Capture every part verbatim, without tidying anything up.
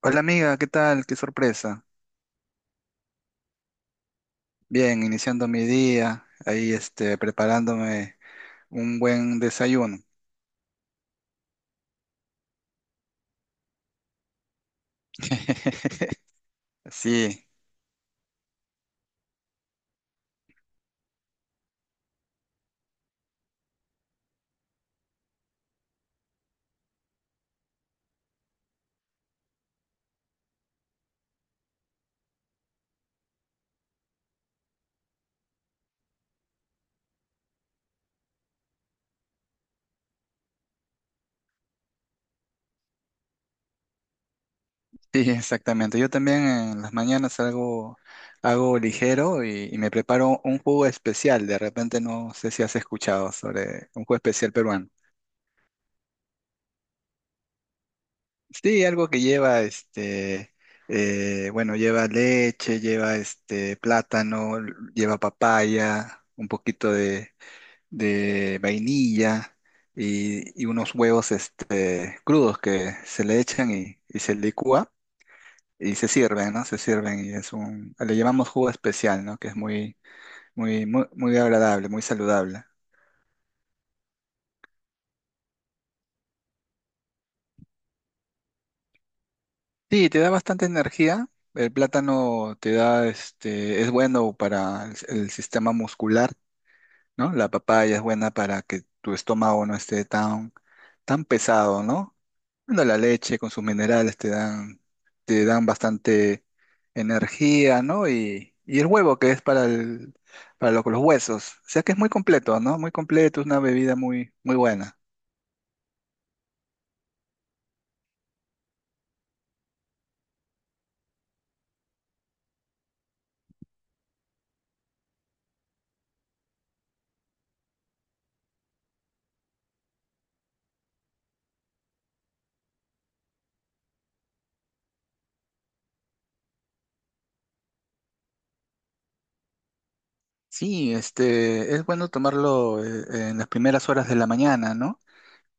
Hola amiga, ¿qué tal? Qué sorpresa. Bien, iniciando mi día, ahí este, preparándome un buen desayuno. Sí, sí, exactamente. Yo también en las mañanas hago, hago ligero y, y me preparo un jugo especial. De repente no sé si has escuchado sobre un jugo especial peruano. Sí, algo que lleva este, eh, bueno, lleva leche, lleva este plátano, lleva papaya, un poquito de de vainilla y, y unos huevos este, crudos que se le echan y, y se licúa y se sirven, ¿no? Se sirven y es un, le llamamos jugo especial, ¿no? Que es muy, muy, muy, muy agradable, muy saludable. Sí, te da bastante energía. El plátano te da, este, es bueno para el, el sistema muscular, ¿no? La papaya es buena para que tu estómago no esté tan, tan pesado, ¿no? Bueno, la leche con sus minerales te dan, te dan bastante energía, ¿no? Y, y el huevo que es para el, para lo- los huesos. O sea que es muy completo, ¿no? Muy completo, es una bebida muy, muy buena. Sí, este, es bueno tomarlo eh, en las primeras horas de la mañana, ¿no?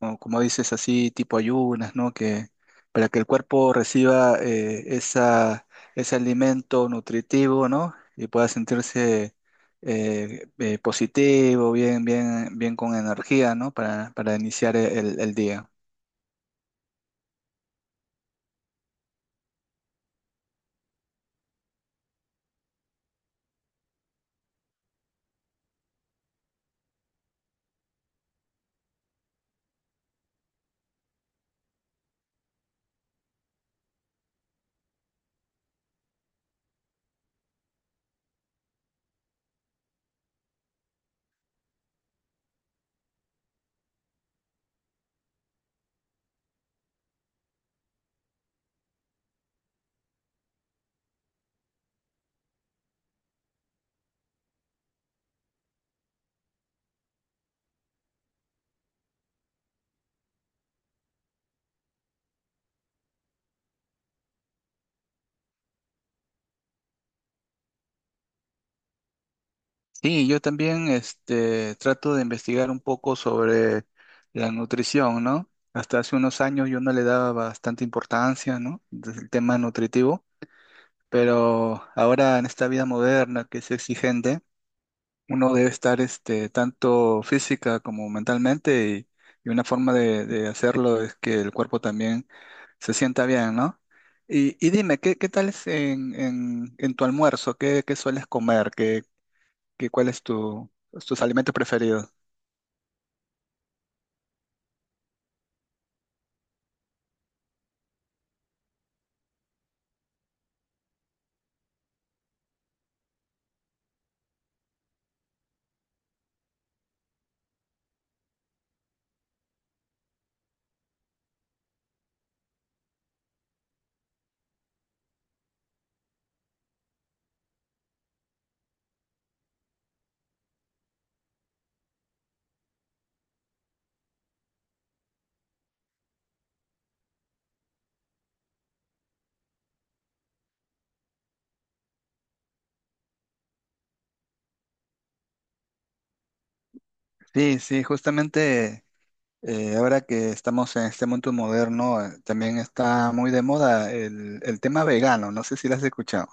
O como dices así, tipo ayunas, ¿no? Que para que el cuerpo reciba eh, esa, ese alimento nutritivo, ¿no? Y pueda sentirse eh, eh, positivo, bien, bien, bien con energía, ¿no? Para, para iniciar el, el día. Sí, yo también este, trato de investigar un poco sobre la nutrición, ¿no? Hasta hace unos años yo no le daba bastante importancia, ¿no? Desde el tema nutritivo, pero ahora en esta vida moderna que es exigente, uno debe estar este, tanto física como mentalmente y, y una forma de, de hacerlo es que el cuerpo también se sienta bien, ¿no? Y, y dime, ¿qué, qué tal es en, en, en tu almuerzo? ¿Qué, qué sueles comer? ¿Qué, qué, cuál es tu, tus alimentos preferidos? Sí, sí, justamente eh, ahora que estamos en este mundo moderno, eh, también está muy de moda el, el tema vegano, no sé si lo has escuchado.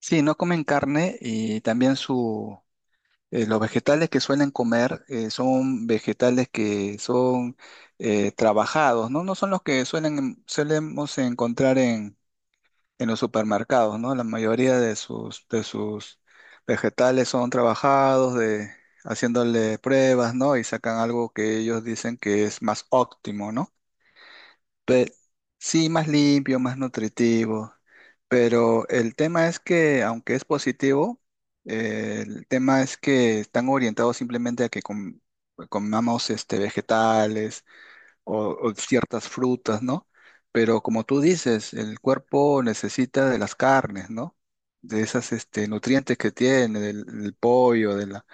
Sí, no comen carne y también su, eh, los vegetales que suelen comer eh, son vegetales que son eh, trabajados, ¿no? No son los que suelen, solemos encontrar en, en los supermercados, ¿no? La mayoría de sus, de sus vegetales son trabajados, de, haciéndole pruebas, ¿no? Y sacan algo que ellos dicen que es más óptimo, ¿no? Pe- sí, más limpio, más nutritivo, pero el tema es que, aunque es positivo, eh, el tema es que están orientados simplemente a que com- comamos este, vegetales o, o ciertas frutas, ¿no? Pero como tú dices, el cuerpo necesita de las carnes, ¿no? De esas este, nutrientes que tiene, del, del pollo, de la,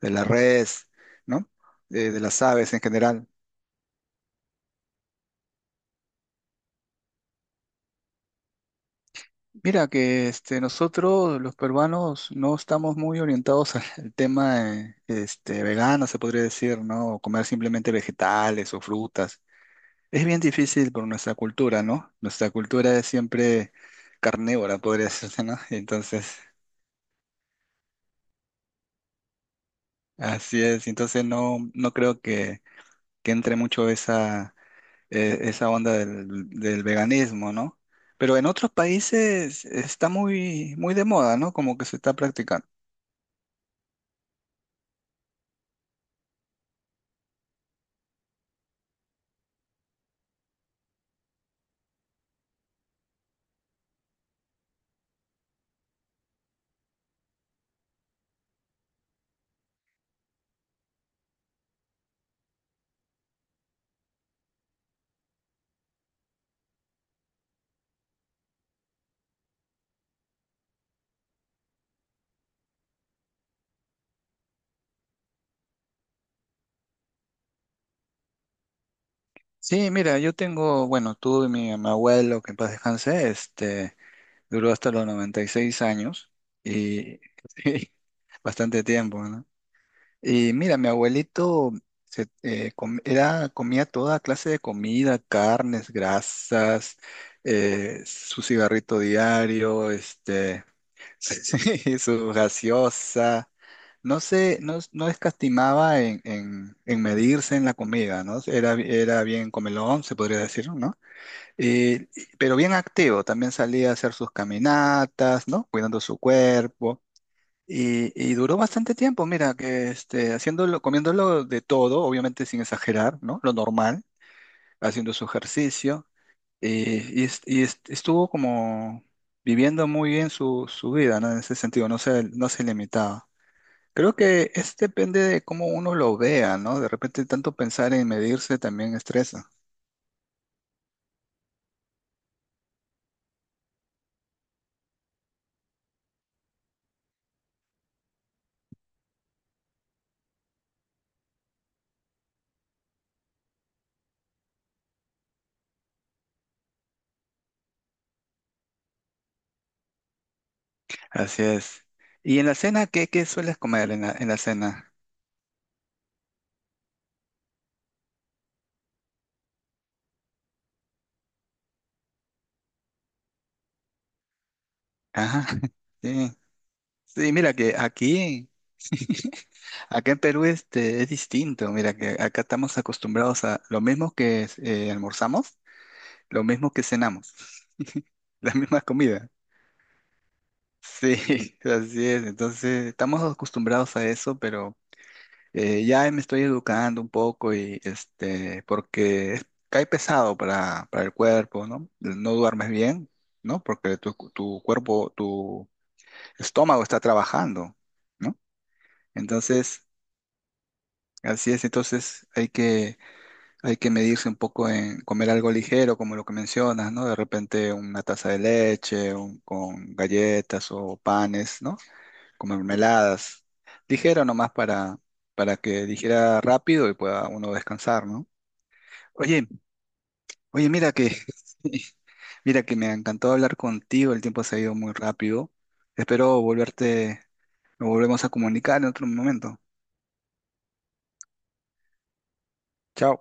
de la res, ¿no? Eh, de las aves en general. Mira que este, nosotros los peruanos no estamos muy orientados al al tema eh, este, vegano, se podría decir, ¿no? O comer simplemente vegetales o frutas. Es bien difícil por nuestra cultura, ¿no? Nuestra cultura es siempre carnívora, podría decirse, ¿no? Entonces, así es. Entonces no, no creo que, que entre mucho esa, eh, esa onda del, del veganismo, ¿no? Pero en otros países está muy, muy de moda, ¿no? Como que se está practicando. Sí, mira, yo tengo, bueno, tuve mi, mi abuelo, que en paz descanse, este, duró hasta los noventa y seis años y sí, bastante tiempo, ¿no? Y mira, mi abuelito se, eh, com- era, comía toda clase de comida, carnes, grasas, eh, su cigarrito diario, este, Sí, su gaseosa. No sé, no, no escatimaba en, en- en medirse en la comida, ¿no? Era, era bien comelón, se podría decir, ¿no? Eh, pero bien activo, también salía a hacer sus caminatas, ¿no? Cuidando su cuerpo. Y, y duró bastante tiempo, mira, que este, haciéndolo, comiéndolo de todo, obviamente sin exagerar, ¿no? Lo normal, haciendo su ejercicio eh, y, es- y es- estuvo como viviendo muy bien su, su vida, ¿no? En ese sentido, no se, no se limitaba. Creo que es depende de cómo uno lo vea, ¿no? De repente tanto pensar en medirse también estresa. Así es. ¿Y en la cena qué, qué sueles comer en la, en la cena? Ajá, sí. Sí, mira que aquí, acá en Perú este, es distinto. Mira que acá estamos acostumbrados a lo mismo que eh, almorzamos, lo mismo que cenamos, la misma comida. Sí, así es. Entonces, estamos acostumbrados a eso, pero eh, ya me estoy educando un poco y este, porque es- cae pesado para, para el cuerpo, ¿no? No duermes bien, ¿no? Porque tu, tu cuerpo, tu estómago está trabajando, ¿no? Entonces, así es. Entonces, hay que, hay que medirse un poco en comer algo ligero, como lo que mencionas, ¿no? De repente una taza de leche, un- con galletas o panes, ¿no? Como mermeladas. Ligero nomás para, para que dijera rápido y pueda uno descansar, ¿no? Oye, oye, mira que, mira que me encantó hablar contigo, el tiempo se ha ido muy rápido. Espero volverte, nos volvemos a comunicar en otro momento. Chao.